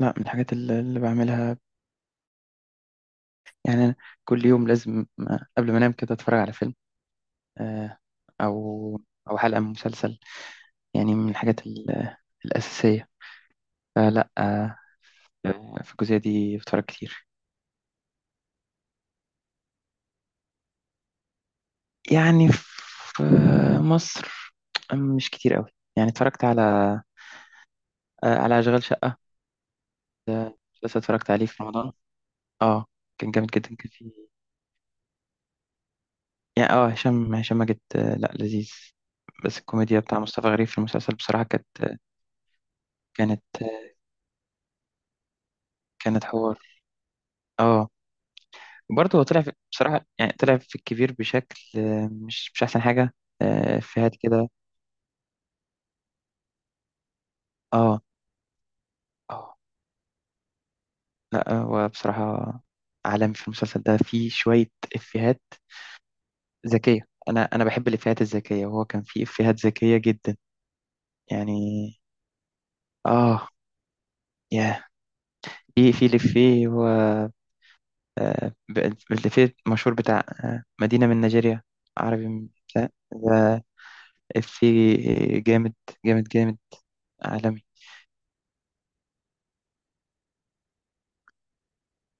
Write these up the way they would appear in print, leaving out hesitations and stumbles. لا، من الحاجات اللي بعملها. يعني أنا كل يوم لازم، قبل ما انام كده اتفرج على فيلم، آه، او او حلقة من مسلسل. يعني من الحاجات الأساسية. فلا، في الجزئية دي بتفرج كتير. يعني في مصر مش كتير قوي. يعني اتفرجت على أشغال شقة. ده مسلسل اتفرجت عليه في رمضان. اه كان جامد جدا. كان فيه يعني، هشام ماجد، لا، لذيذ. بس الكوميديا بتاع مصطفى غريب في المسلسل بصراحة كانت كانت حوار. اه، برضه هو بصراحة يعني طلع في الكبير بشكل، مش أحسن حاجة. إفيهات كده. اه، اه، لا هو بصراحة عالم. في المسلسل ده فيه شوية إفيهات ذكية. أنا بحب الإفيهات الذكية، وهو كان فيه إفيهات ذكية جدا. يعني، اه يا في الإفيه هو، آه، ب- الإفيه المشهور بتاع، مدينة من نيجيريا عربي من بتاع ده. إفيه جامد، جامد جامد، عالمي.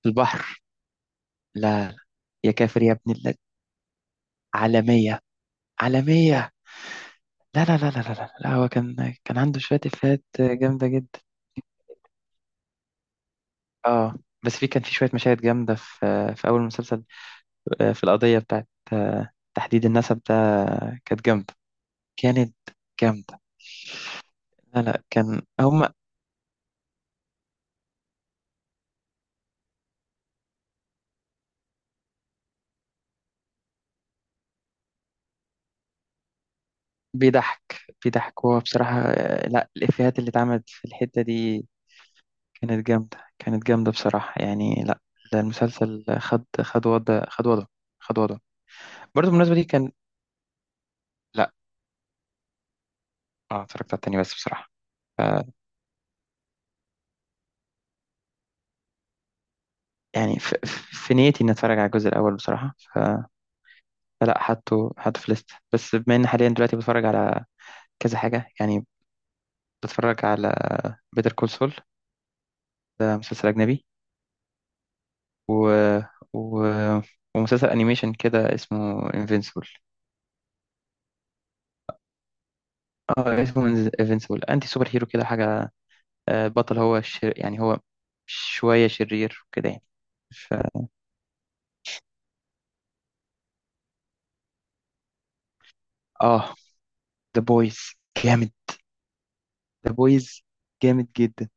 البحر، لا، لا. يا كافر يا ابن اللد. عالمية، عالمية. لا، لا، لا، لا، لا، لا، لا، هو كان عنده شوية إفيهات جامدة جدا. اه، بس في كان في شوية مشاهد جامدة في أول مسلسل، في القضية بتاعت، تحديد النسب ده. كانت جامدة كانت جامدة. لا، لا، كان هما بيضحك بيضحك. هو بصراحة، لا، الإفيهات اللي اتعملت في الحتة دي كانت جامدة بصراحة، يعني لا. ده المسلسل خد وضعه. برضه بالمناسبة دي كان، لا، اه اتفرجت على التاني بس بصراحة. ف يعني ف... في نيتي اني اتفرج على الجزء الاول بصراحة. فلا، حطه في ليست. بس بما ان حاليا دلوقتي بتفرج على كذا حاجة يعني بتفرج على بيتر كول سول. ده مسلسل اجنبي، و... و... ومسلسل انيميشن كده اسمه انفينسيبل. اه اسمه انفينسيبل. انتي سوبر هيرو كده حاجة، البطل هو يعني هو شوية شرير وكده يعني. ف... اه ذا بويز جامد. ذا بويز جامد جدا.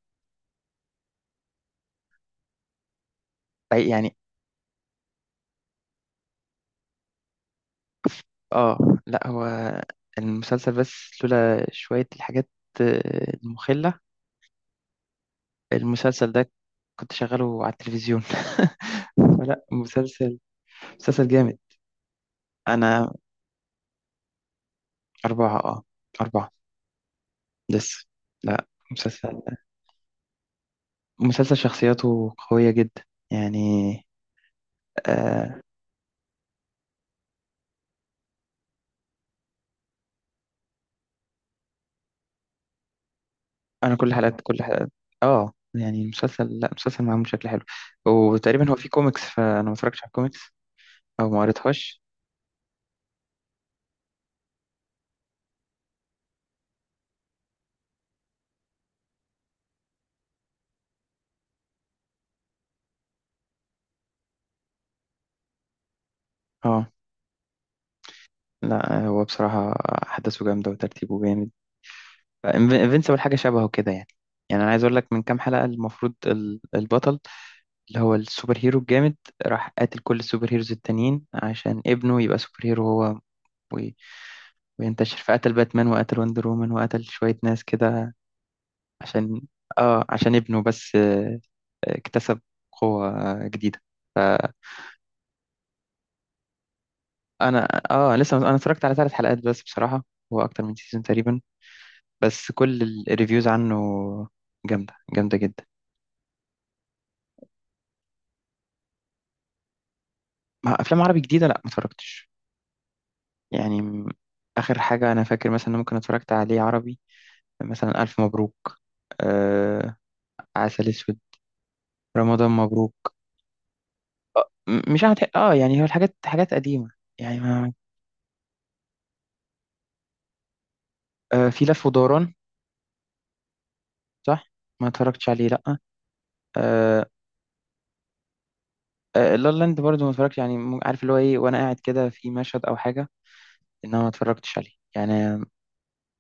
يعني، اه لا، هو المسلسل بس، لولا شوية الحاجات، المخلة. المسلسل ده كنت شغاله على التلفزيون فلا، مسلسل جامد. أنا، أربعة، أربعة لسه. لا، مسلسل شخصياته قوية جدا، يعني. آه أنا كل حلقات، اه يعني المسلسل، لا، مسلسل معمول بشكل حلو. وتقريبا هو فيه كوميكس، فأنا ما اتفرجتش على الكوميكس أو ما قريتهاش. اه لا، هو بصراحة أحداثه جامدة وترتيبه جامد. انفينسيبل حاجة شبهه كده يعني. يعني أنا عايز أقول لك، من كام حلقة المفروض البطل اللي هو السوبر هيرو الجامد راح قاتل كل السوبر هيروز التانيين عشان ابنه يبقى سوبر هيرو هو وي- وينتشر، فقتل باتمان وقتل وندر وومن وقتل شوية ناس كده، عشان عشان ابنه بس، اكتسب قوة جديدة. فأنا، لسه أنا اتفرجت على 3 حلقات بس بصراحة. هو أكتر من سيزون تقريبا، بس كل الريفيوز عنه جامدة، جامدة جدا. ما أفلام عربي جديدة لأ، ما اتفرجتش. يعني م- آخر حاجة أنا فاكر مثلا إن ممكن اتفرجت عليه عربي، مثلا ألف مبروك، آه عسل أسود، رمضان مبروك. مش عارف، يعني هو الحاجات حاجات قديمة. يعني، ما في لف ودوران. صح، ما اتفرجتش عليه لأ. آه لا لا لاند برضه ما اتفرجتش. يعني عارف اللي هو ايه، وانا قاعد كده في مشهد او حاجة. انما ما اتفرجتش عليه يعني.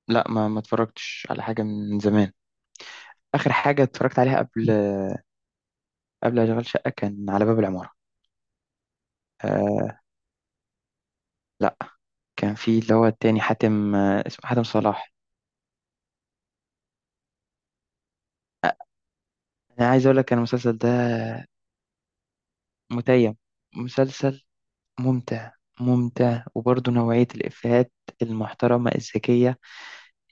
لا، ما اتفرجتش على حاجة من زمان. اخر حاجه اتفرجت عليها، قبل اشغال شقه، كان على باب العماره. آه لا، كان في اللي هو التاني، حاتم آه اسمه حاتم صلاح. آه انا عايز اقول لك، انا المسلسل ده متيم مسلسل ممتع ممتع وبرضه نوعيه الافيهات المحترمه الذكيه،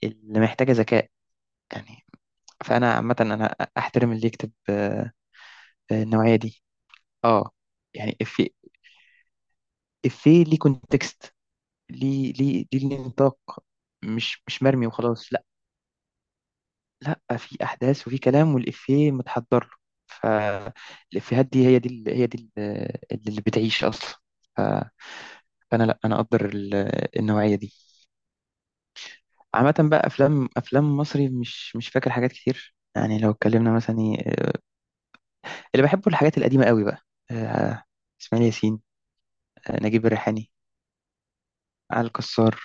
اللي محتاجه ذكاء، يعني. فانا عامه انا احترم اللي يكتب، النوعيه دي. اه يعني افيه ليه كونتكست، ليه، ليه نطاق. مش مرمي وخلاص. لا، في احداث وفي كلام والافيه متحضر له. فالافيهات دي هي دي هي دي اللي بتعيش اصلا. ف- فانا، لا، انا اقدر النوعيه دي. عامه بقى، افلام مصري مش فاكر حاجات كتير. يعني لو اتكلمنا مثلا، اللي بحبه الحاجات القديمه قوي بقى، آه، اسماعيل ياسين، نجيب الريحاني، علي الكسار.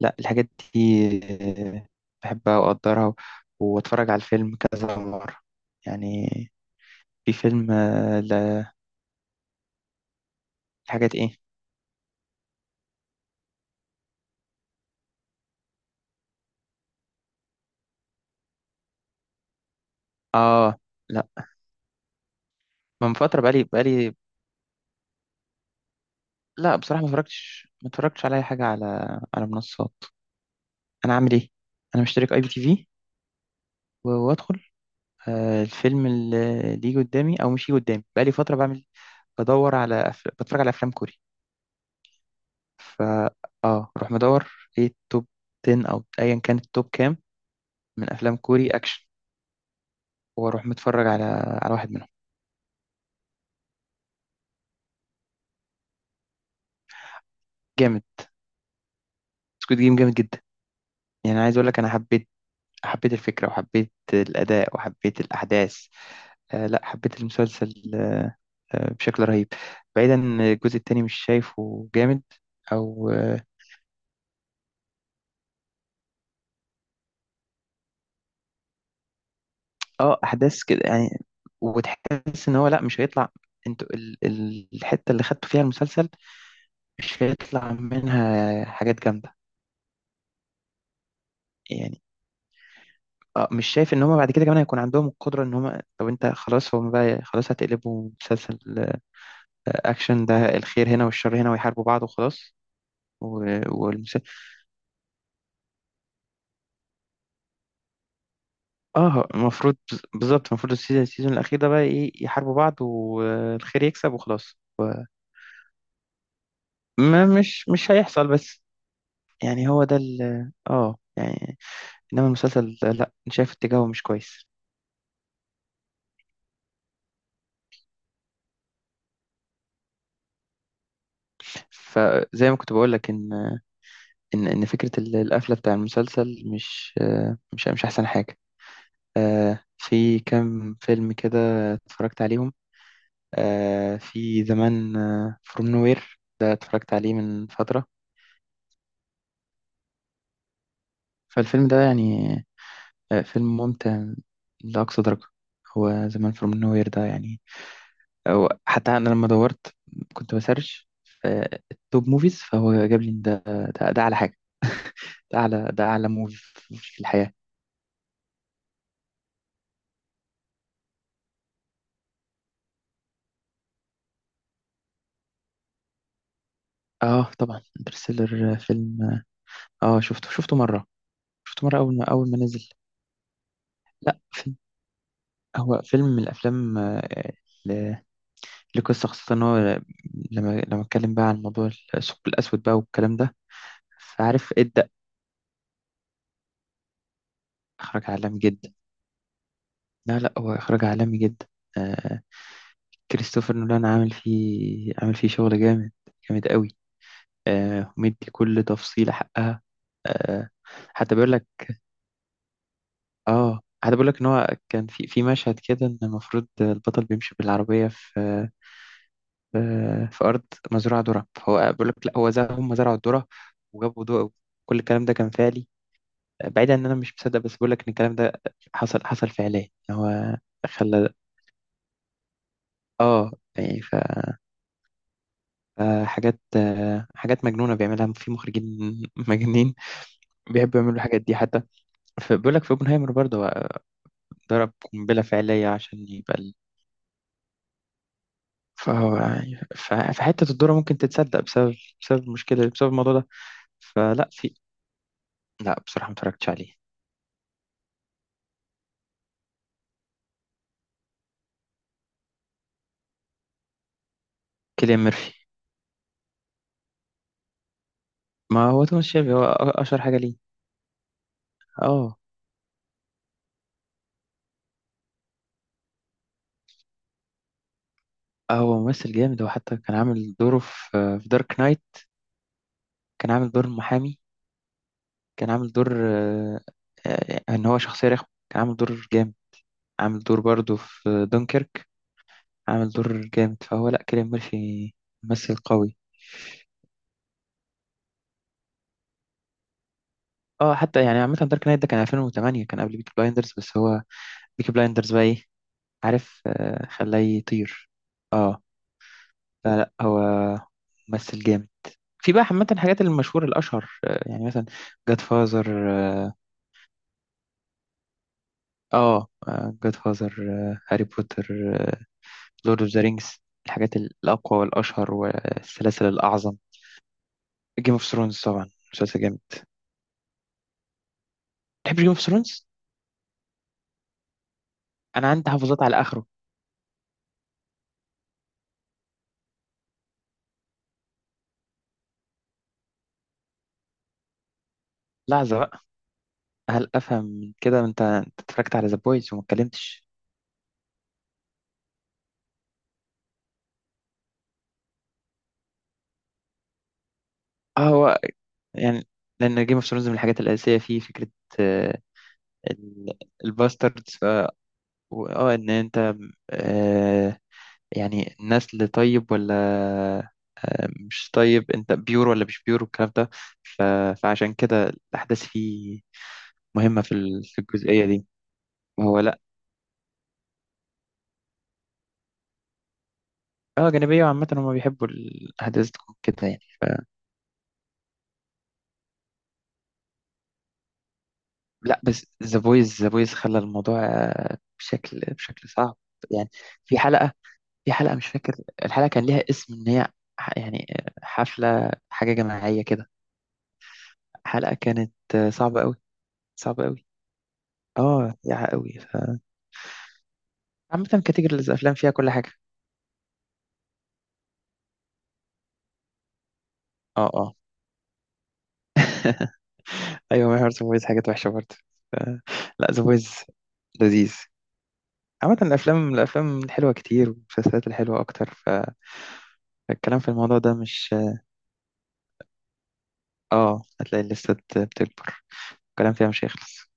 لا، الحاجات دي، آه، بحبها واقدرها واتفرج على الفيلم كذا مره، يعني. في فيلم، لحاجات ايه. اه لا، من فترة، بقالي. لا بصراحة، ما اتفرجتش على اي حاجة، على منصات. انا عامل ايه؟ انا مشترك IPTV، وادخل الفيلم اللي يجي قدامي او مش يجي قدامي. بقالي فترة بعمل، بتفرج على افلام كوري. ف اه اروح مدور ايه التوب 10 او ايا كان التوب كام، من افلام كوري اكشن، واروح متفرج على واحد منهم. جامد، سكوت جيم جامد جدا. يعني عايز اقول لك، انا حبيت الفكرة، وحبيت الاداء، وحبيت الاحداث. لا، حبيت المسلسل بشكل رهيب. بعيدا إن الجزء التاني مش شايفه جامد. او، احداث كده، يعني. وتحس ان هو، لا، مش هيطلع. انتوا الحتة اللي خدتوا فيها المسلسل مش هيطلع منها حاجات جامدة، يعني. اه، مش شايف ان هم بعد كده كمان هيكون عندهم القدرة، ان هم، طب انت خلاص، هم بقى خلاص هتقلبوا مسلسل، اكشن ده، الخير هنا والشر هنا ويحاربوا بعض وخلاص. والمسلسل. اه، المفروض، بالظبط، المفروض السيزون الاخير ده بقى ايه، يحاربوا بعض والخير يكسب وخلاص. ما مش هيحصل بس. يعني هو ده ال اه يعني. انما المسلسل ده، لا، أنا شايف اتجاهه مش كويس. فزي ما كنت بقول لك، ان ان فكره القفله بتاع المسلسل مش، مش احسن حاجه. في كام فيلم كده اتفرجت عليهم، في زمان، فروم نوير ده اتفرجت عليه من فتره. فالفيلم ده يعني، فيلم ممتع لأقصى درجة. هو زمان فروم نو وير ده، يعني. أو حتى أنا لما دورت، كنت بسرش في التوب موفيز، فهو جاب لي إن ده، ده أعلى حاجة. ده أعلى، ده أعلى موفي في الحياة. طبعا انترستيلر فيلم. شفته مرة شفته مرة، أول ما نزل. لا، هو فيلم من الأفلام، ل- لقصة خاصة، إن هو لما اتكلم بقى عن موضوع الثقب الأسود بقى والكلام ده، فعارف ادى إخراج عالمي جدا. لا، لا، هو إخراج عالمي جدا. آه كريستوفر نولان عامل فيه شغل جامد، جامد قوي. مدي كل تفصيلة حقها. آه حتى بيقول لك، ان هو كان في في مشهد كده، ان المفروض البطل بيمشي بالعربية في في, في أرض مزروعة ذرة. فهو بيقول لك، لا، هو زرع هم زرعوا الذرة وجابوا ضوء، كل الكلام ده كان فعلي. بعيد عن ان انا مش مصدق، بس بقول لك ان الكلام ده حصل فعليا، ان هو خلى. اه يعني ف حاجات مجنونة بيعملها، في مخرجين مجانين بيحبوا يعملوا الحاجات دي. حتى بيقول لك في اوبنهايمر برضه، هو ضرب قنبلة فعلية عشان يبقى فهو، يعني، فحتة الدورة ممكن تتصدق، بسبب المشكلة، بسبب الموضوع ده. فلا في لا بصراحة، ما اتفرجتش عليه. كيليان ميرفي. ما هو توماس شيلبي هو، أشهر حاجة ليه. اه، هو ممثل جامد. هو حتى كان عامل دوره في دارك نايت. كان عامل دور المحامي، كان عامل دور، ان هو شخصية رخمة. كان عامل دور جامد. عامل دور برضه في دونكيرك، عامل دور جامد. فهو، لا، كيليان ميرفي ممثل قوي. اه حتى يعني، عامة دارك نايت ده كان 2008، كان قبل بيكي بلايندرز. بس هو بيكي بلايندرز بقى ايه، عارف، خلاه يطير. اه، لا، لا، هو ممثل جامد. في بقى، عامة الحاجات المشهورة الأشهر، يعني مثلا، جاد فازر اه جاد فازر، هاري بوتر، لورد اوف ذا رينجز، الحاجات الأقوى والأشهر والسلاسل الأعظم. جيم اوف ثرونز طبعا مسلسل جامد. تحب جيم اوف ثرونز؟ انا عندي حافظات على اخره. لحظه بقى، هل افهم من كده انت اتفرجت على ذا بويز وما اتكلمتش؟ اه هو يعني، لان جيم اوف ثرونز من الحاجات الاساسيه فيه فكره، آه، ال- الباستردز، ان انت، آه، يعني نسل طيب ولا، مش طيب، انت بيور ولا مش بيور، والكلام ده. ف- فعشان كده الاحداث فيه مهمه في الجزئيه دي. هو لا، اه جانبيه، وعامه هم بيحبوا الاحداث تكون كده، يعني. لا، بس ذا بويز، خلى الموضوع، بشكل صعب. يعني، في حلقة في حلقة مش فاكر الحلقة، كان ليها اسم ان هي، يعني، حفلة حاجة جماعية كده. حلقة كانت، صعبة قوي، صعبة قوي. اه يا قوي. عامة كاتيجوري الافلام فيها كل حاجة. اه، اه، ايوه، محور ذا بويز حاجات وحشة برضه. ف... لا، ذا بويز لذيذ. عامة الأفلام الحلوة كتير، والمسلسلات الحلوة أكتر. فالكلام في الموضوع ده مش، اه هتلاقي الليستة بتكبر، الكلام فيها مش هيخلص.